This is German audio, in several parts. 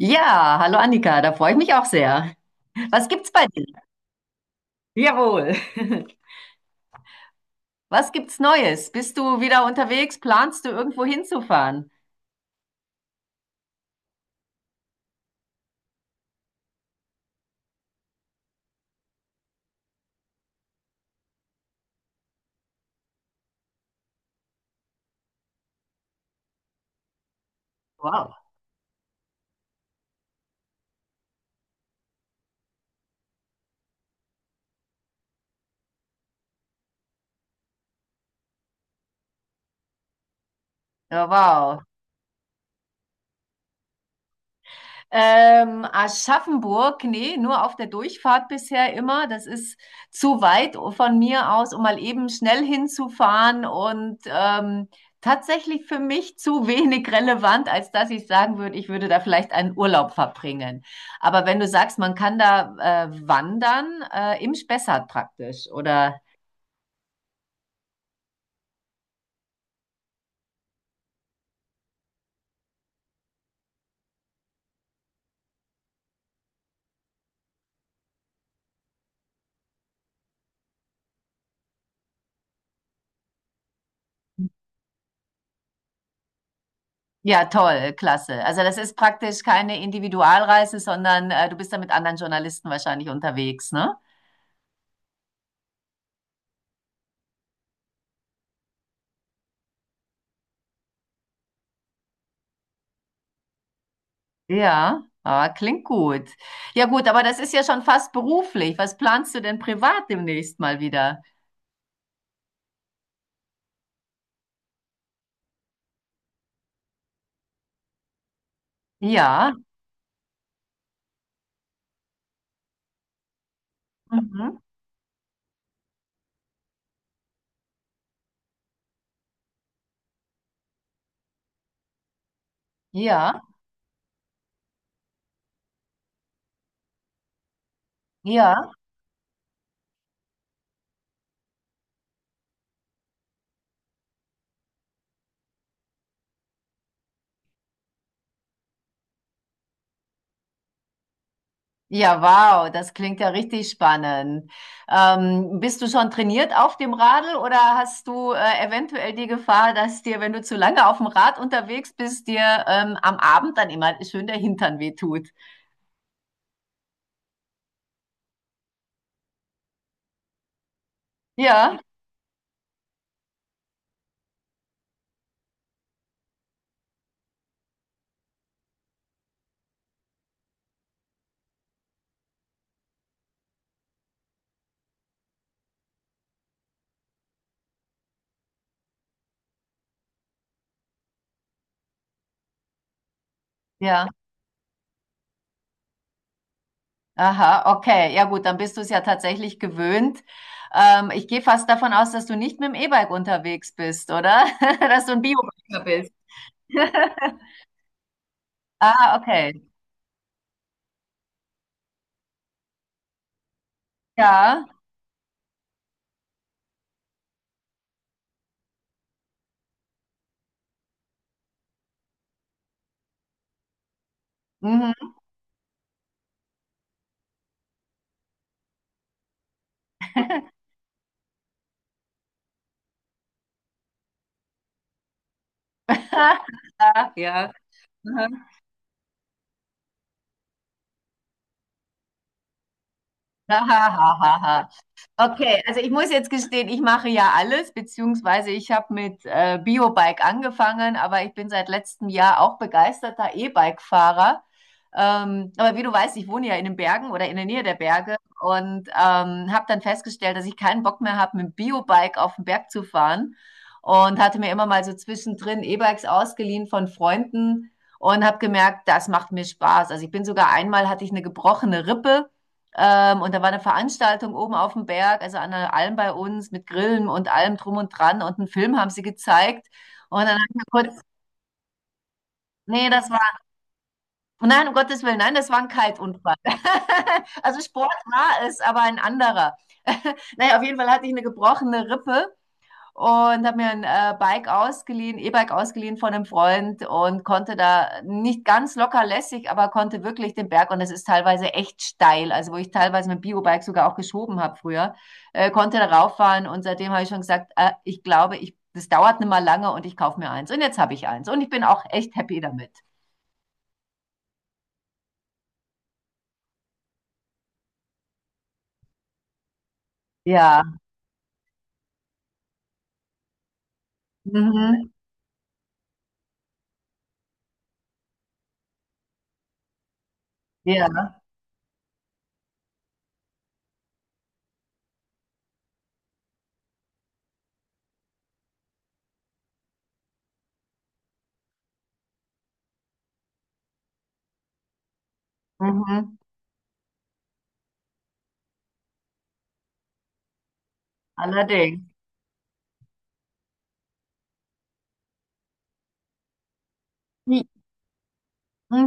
Ja, hallo Annika, da freue ich mich auch sehr. Was gibt's bei dir? Jawohl. Was gibt's Neues? Bist du wieder unterwegs? Planst du irgendwo hinzufahren? Wow. Oh, wow. Aschaffenburg, nee, nur auf der Durchfahrt bisher immer. Das ist zu weit von mir aus, um mal eben schnell hinzufahren und tatsächlich für mich zu wenig relevant, als dass ich sagen würde, ich würde da vielleicht einen Urlaub verbringen. Aber wenn du sagst, man kann da wandern, im Spessart praktisch oder ja, toll, klasse. Also das ist praktisch keine Individualreise, sondern du bist da mit anderen Journalisten wahrscheinlich unterwegs, ne? Ja, ah, klingt gut. Ja gut, aber das ist ja schon fast beruflich. Was planst du denn privat demnächst mal wieder? Ja, mhm. Ja, ja. Ja, wow, das klingt ja richtig spannend. Bist du schon trainiert auf dem Radl oder hast du eventuell die Gefahr, dass dir, wenn du zu lange auf dem Rad unterwegs bist, dir am Abend dann immer schön der Hintern wehtut? Ja, ja. Aha, okay. Ja gut, dann bist du es ja tatsächlich gewöhnt. Ich gehe fast davon aus, dass du nicht mit dem E-Bike unterwegs bist, oder? Dass du ein Bio-Biker bist. Ah, okay. Ja. Mhm. Ja. Mhm. Aha. Okay, also ich muss jetzt gestehen, ich mache ja alles, beziehungsweise ich habe mit Biobike angefangen, aber ich bin seit letztem Jahr auch begeisterter E-Bike-Fahrer. Aber wie du weißt, ich wohne ja in den Bergen oder in der Nähe der Berge und habe dann festgestellt, dass ich keinen Bock mehr habe, mit dem Biobike auf den Berg zu fahren und hatte mir immer mal so zwischendrin E-Bikes ausgeliehen von Freunden und habe gemerkt, das macht mir Spaß. Also ich bin sogar einmal hatte ich eine gebrochene Rippe. Und da war eine Veranstaltung oben auf dem Berg, also an der Alm bei uns, mit Grillen und allem drum und dran. Und einen Film haben sie gezeigt. Und dann habe ich mir kurz, nee, das war, nein, um Gottes Willen, nein, das war ein Kiteunfall. Also Sport war es, aber ein anderer. Naja, auf jeden Fall hatte ich eine gebrochene Rippe und habe mir ein Bike ausgeliehen, E-Bike ausgeliehen von einem Freund und konnte da nicht ganz locker lässig, aber konnte wirklich den Berg und es ist teilweise echt steil, also wo ich teilweise mein Biobike sogar auch geschoben habe früher, konnte da rauffahren und seitdem habe ich schon gesagt, ich glaube, das dauert nicht mal lange und ich kaufe mir eins und jetzt habe ich eins und ich bin auch echt happy damit. Ja, mhm. Ja, mhm. Allerdings.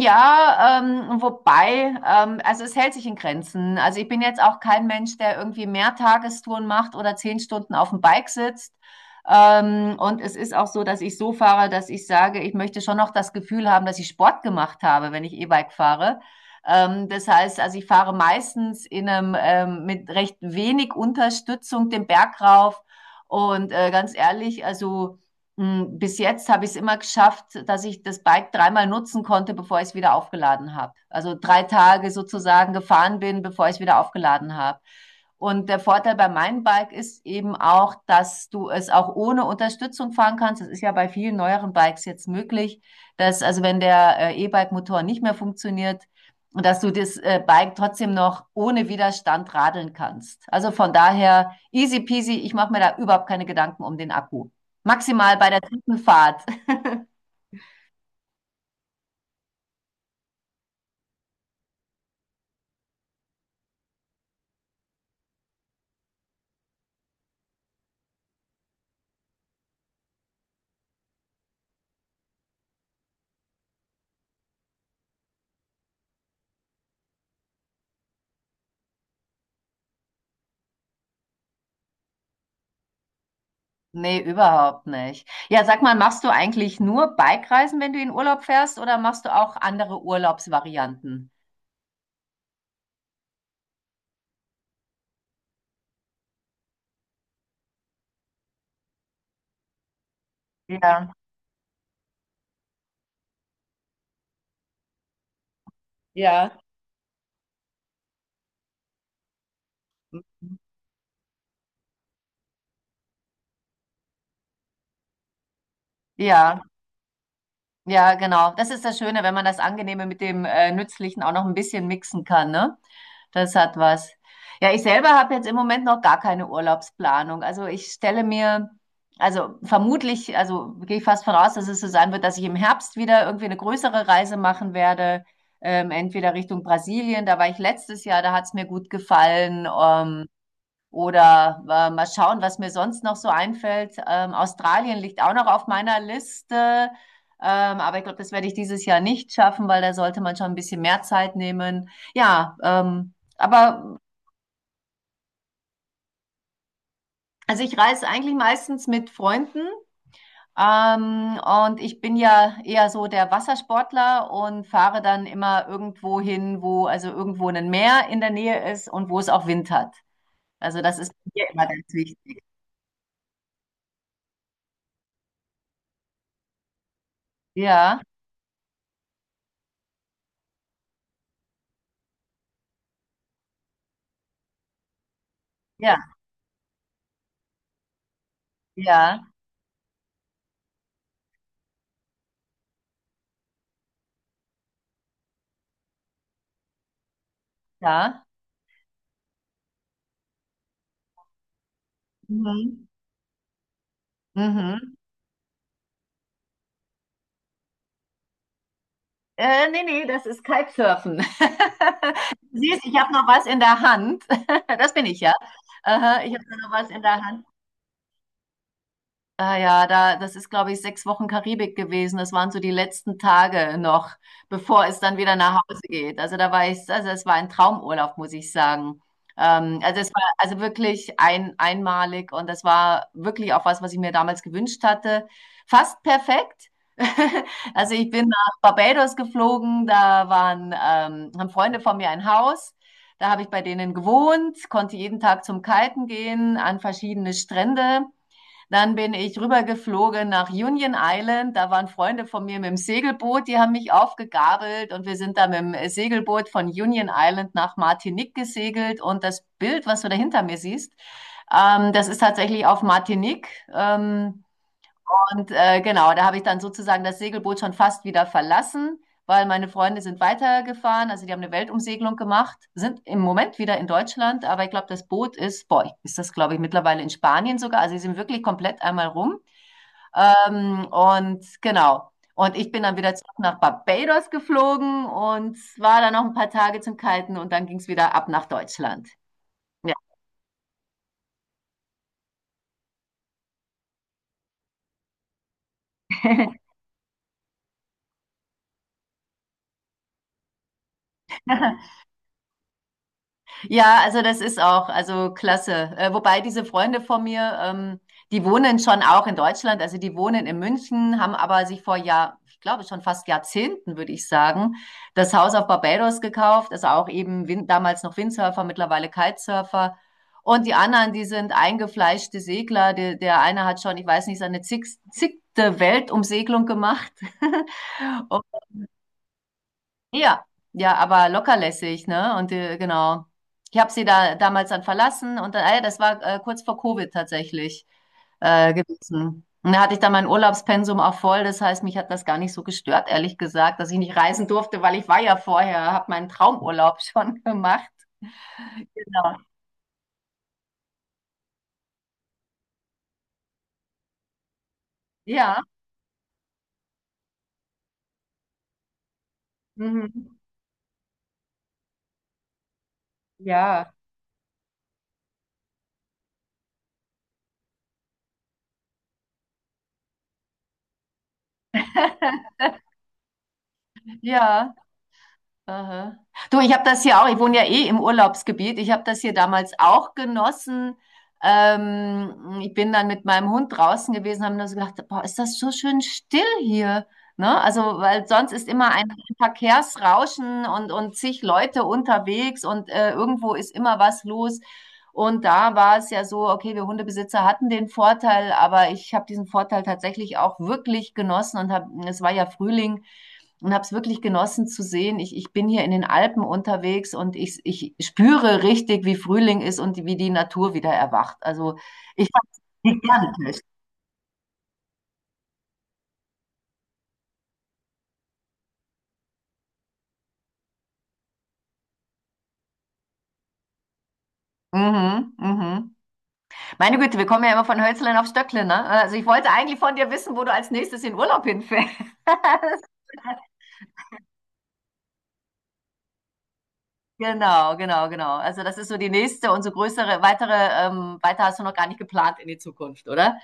Ja, wobei, also es hält sich in Grenzen. Also ich bin jetzt auch kein Mensch, der irgendwie mehr Tagestouren macht oder 10 Stunden auf dem Bike sitzt. Und es ist auch so, dass ich so fahre, dass ich sage, ich möchte schon noch das Gefühl haben, dass ich Sport gemacht habe, wenn ich E-Bike fahre. Das heißt, also ich fahre meistens mit recht wenig Unterstützung den Berg rauf. Und ganz ehrlich, also bis jetzt habe ich es immer geschafft, dass ich das Bike dreimal nutzen konnte, bevor ich es wieder aufgeladen habe. Also 3 Tage sozusagen gefahren bin, bevor ich es wieder aufgeladen habe. Und der Vorteil bei meinem Bike ist eben auch, dass du es auch ohne Unterstützung fahren kannst. Das ist ja bei vielen neueren Bikes jetzt möglich, dass also wenn der E-Bike-Motor nicht mehr funktioniert, dass du das Bike trotzdem noch ohne Widerstand radeln kannst. Also von daher easy peasy, ich mache mir da überhaupt keine Gedanken um den Akku. Maximal bei der Truppenfahrt. Nee, überhaupt nicht. Ja, sag mal, machst du eigentlich nur Bikereisen, wenn du in Urlaub fährst, oder machst du auch andere Urlaubsvarianten? Ja, ja. Mhm. Ja, ja, genau. Das ist das Schöne, wenn man das Angenehme mit dem Nützlichen auch noch ein bisschen mixen kann, ne? Das hat was. Ja, ich selber habe jetzt im Moment noch gar keine Urlaubsplanung. Also ich stelle mir, also vermutlich, also gehe ich fast von aus, dass es so sein wird, dass ich im Herbst wieder irgendwie eine größere Reise machen werde. Entweder Richtung Brasilien, da war ich letztes Jahr, da hat es mir gut gefallen. Oder mal schauen, was mir sonst noch so einfällt. Australien liegt auch noch auf meiner Liste. Aber ich glaube, das werde ich dieses Jahr nicht schaffen, weil da sollte man schon ein bisschen mehr Zeit nehmen. Ja, aber also ich reise eigentlich meistens mit Freunden. Und ich bin ja eher so der Wassersportler und fahre dann immer irgendwo hin, wo also irgendwo ein Meer in der Nähe ist und wo es auch Wind hat. Also das ist mir immer ganz wichtig. Ja, ja, ja, ja. Mhm. Mhm. Nee, nee, das ist Kitesurfen. Siehst, ich habe noch was in der Hand. Das bin ich ja. Aha, ich habe noch was in der Hand. Ah ja, da, das ist, glaube ich, 6 Wochen Karibik gewesen. Das waren so die letzten Tage noch, bevor es dann wieder nach Hause geht. Also da war ich, also es war ein Traumurlaub, muss ich sagen. Also es war also wirklich einmalig und das war wirklich auch was, was ich mir damals gewünscht hatte. Fast perfekt. Also ich bin nach Barbados geflogen, da waren, haben Freunde von mir ein Haus. Da habe ich bei denen gewohnt, konnte jeden Tag zum Kiten gehen, an verschiedene Strände. Dann bin ich rübergeflogen nach Union Island. Da waren Freunde von mir mit dem Segelboot, die haben mich aufgegabelt und wir sind da mit dem Segelboot von Union Island nach Martinique gesegelt. Und das Bild, was du da hinter mir siehst, das ist tatsächlich auf Martinique. Ähm, und genau, da habe ich dann sozusagen das Segelboot schon fast wieder verlassen, weil meine Freunde sind weitergefahren. Also die haben eine Weltumsegelung gemacht, sind im Moment wieder in Deutschland, aber ich glaube, das Boot ist, boah, ist das, glaube ich, mittlerweile in Spanien sogar. Also sie sind wirklich komplett einmal rum. Und genau. Und ich bin dann wieder zurück nach Barbados geflogen und war dann noch ein paar Tage zum Kalten und dann ging es wieder ab nach Deutschland. Ja. Ja, also das ist auch, also klasse. Wobei diese Freunde von mir, die wohnen schon auch in Deutschland, also die wohnen in München, haben aber sich vor Jahr, ich glaube schon fast Jahrzehnten, würde ich sagen, das Haus auf Barbados gekauft, also auch eben Win damals noch Windsurfer, mittlerweile Kitesurfer. Und die anderen, die sind eingefleischte Segler. Der eine hat schon, ich weiß nicht, seine zigte Weltumsegelung gemacht. Ja, ja, aber lockerlässig, ne? Und genau. Ich habe sie da damals dann verlassen und dann, das war kurz vor Covid tatsächlich gewesen. Und da hatte ich dann mein Urlaubspensum auch voll. Das heißt, mich hat das gar nicht so gestört, ehrlich gesagt, dass ich nicht reisen durfte, weil ich war ja vorher, habe meinen Traumurlaub schon gemacht. Genau. Ja. Mhm. Ja. Ja. Aha. Du, ich habe das hier auch, ich wohne ja eh im Urlaubsgebiet, ich habe das hier damals auch genossen. Ich bin dann mit meinem Hund draußen gewesen, haben nur so gedacht, boah, ist das so schön still hier. Ne? Also, weil sonst ist immer ein Verkehrsrauschen und zig Leute unterwegs und irgendwo ist immer was los. Und da war es ja so, okay, wir Hundebesitzer hatten den Vorteil, aber ich habe diesen Vorteil tatsächlich auch wirklich genossen und hab, es war ja Frühling und habe es wirklich genossen zu sehen. Ich bin hier in den Alpen unterwegs und ich spüre richtig, wie Frühling ist und wie die Natur wieder erwacht. Also ich fand es gigantisch. Mhm, mhm. Meine Güte, wir kommen ja immer von Hölzlein auf Stöcklein, ne? Also ich wollte eigentlich von dir wissen, wo du als nächstes in Urlaub hinfährst. Genau, genau, genau. Also das ist so die nächste und so größere, weitere, weiter hast du noch gar nicht geplant in die Zukunft, oder?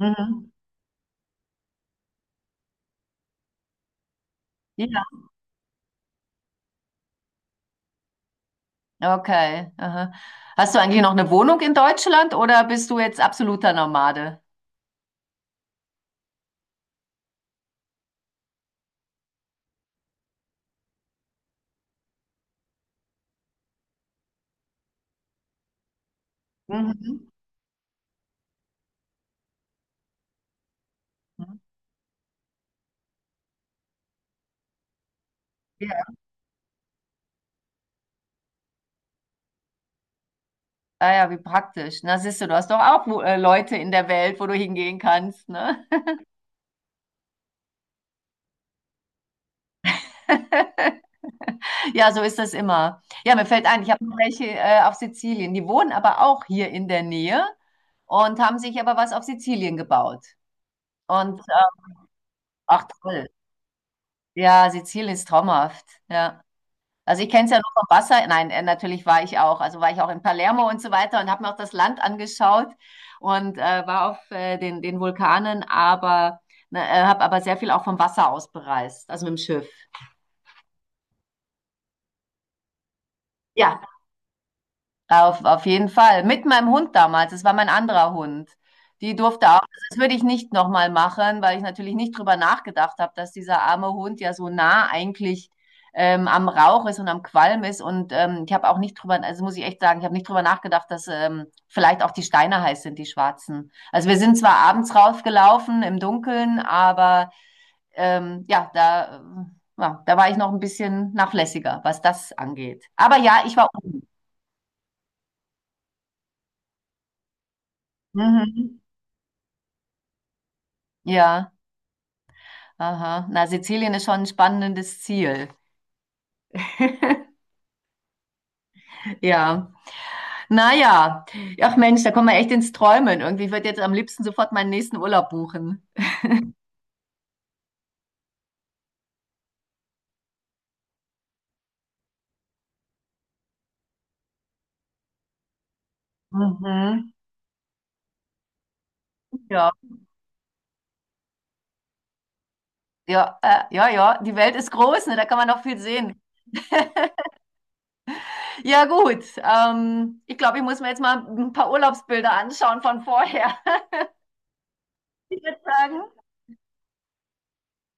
Mhm. Ja. Okay. Aha. Hast du eigentlich noch eine Wohnung in Deutschland oder bist du jetzt absoluter Nomade? Mhm. Mhm. Ja. Ah ja, wie praktisch. Na, siehst du, du hast doch auch wo- Leute in der Welt, wo du hingehen kannst, ne? Ja, so ist das immer. Ja, mir fällt ein, ich habe noch welche auf Sizilien. Die wohnen aber auch hier in der Nähe und haben sich aber was auf Sizilien gebaut. Und ach toll. Ja, Sizilien ist traumhaft. Ja. Also ich kenne es ja nur vom Wasser. Nein, natürlich war ich auch. Also war ich auch in Palermo und so weiter und habe mir auch das Land angeschaut und war auf den Vulkanen, aber ne, habe aber sehr viel auch vom Wasser aus bereist, also mit dem Schiff. Ja, auf jeden Fall. Mit meinem Hund damals. Es war mein anderer Hund. Die durfte auch. Das würde ich nicht nochmal machen, weil ich natürlich nicht drüber nachgedacht habe, dass dieser arme Hund ja so nah eigentlich am Rauch ist und am Qualm ist. Und ich habe auch nicht drüber, also muss ich echt sagen, ich habe nicht drüber nachgedacht, dass vielleicht auch die Steine heiß sind, die schwarzen. Also wir sind zwar abends rausgelaufen im Dunkeln, aber ja, da, ja, da war ich noch ein bisschen nachlässiger, was das angeht. Aber ja, ich war. Mhm, ja. Aha, na, Sizilien ist schon ein spannendes Ziel. Ja, naja. Ach Mensch, da kommen wir echt ins Träumen. Irgendwie, ich würde jetzt am liebsten sofort meinen nächsten Urlaub buchen. Mhm. Ja, ja, ja, ja, die Welt ist groß, ne? Da kann man noch viel sehen. Ja, gut. Ich glaube, ich muss mir jetzt mal ein paar Urlaubsbilder anschauen von vorher. Ich würde sagen,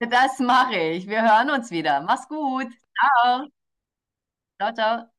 das mache ich. Wir hören uns wieder. Mach's gut. Ciao. Ciao, ciao.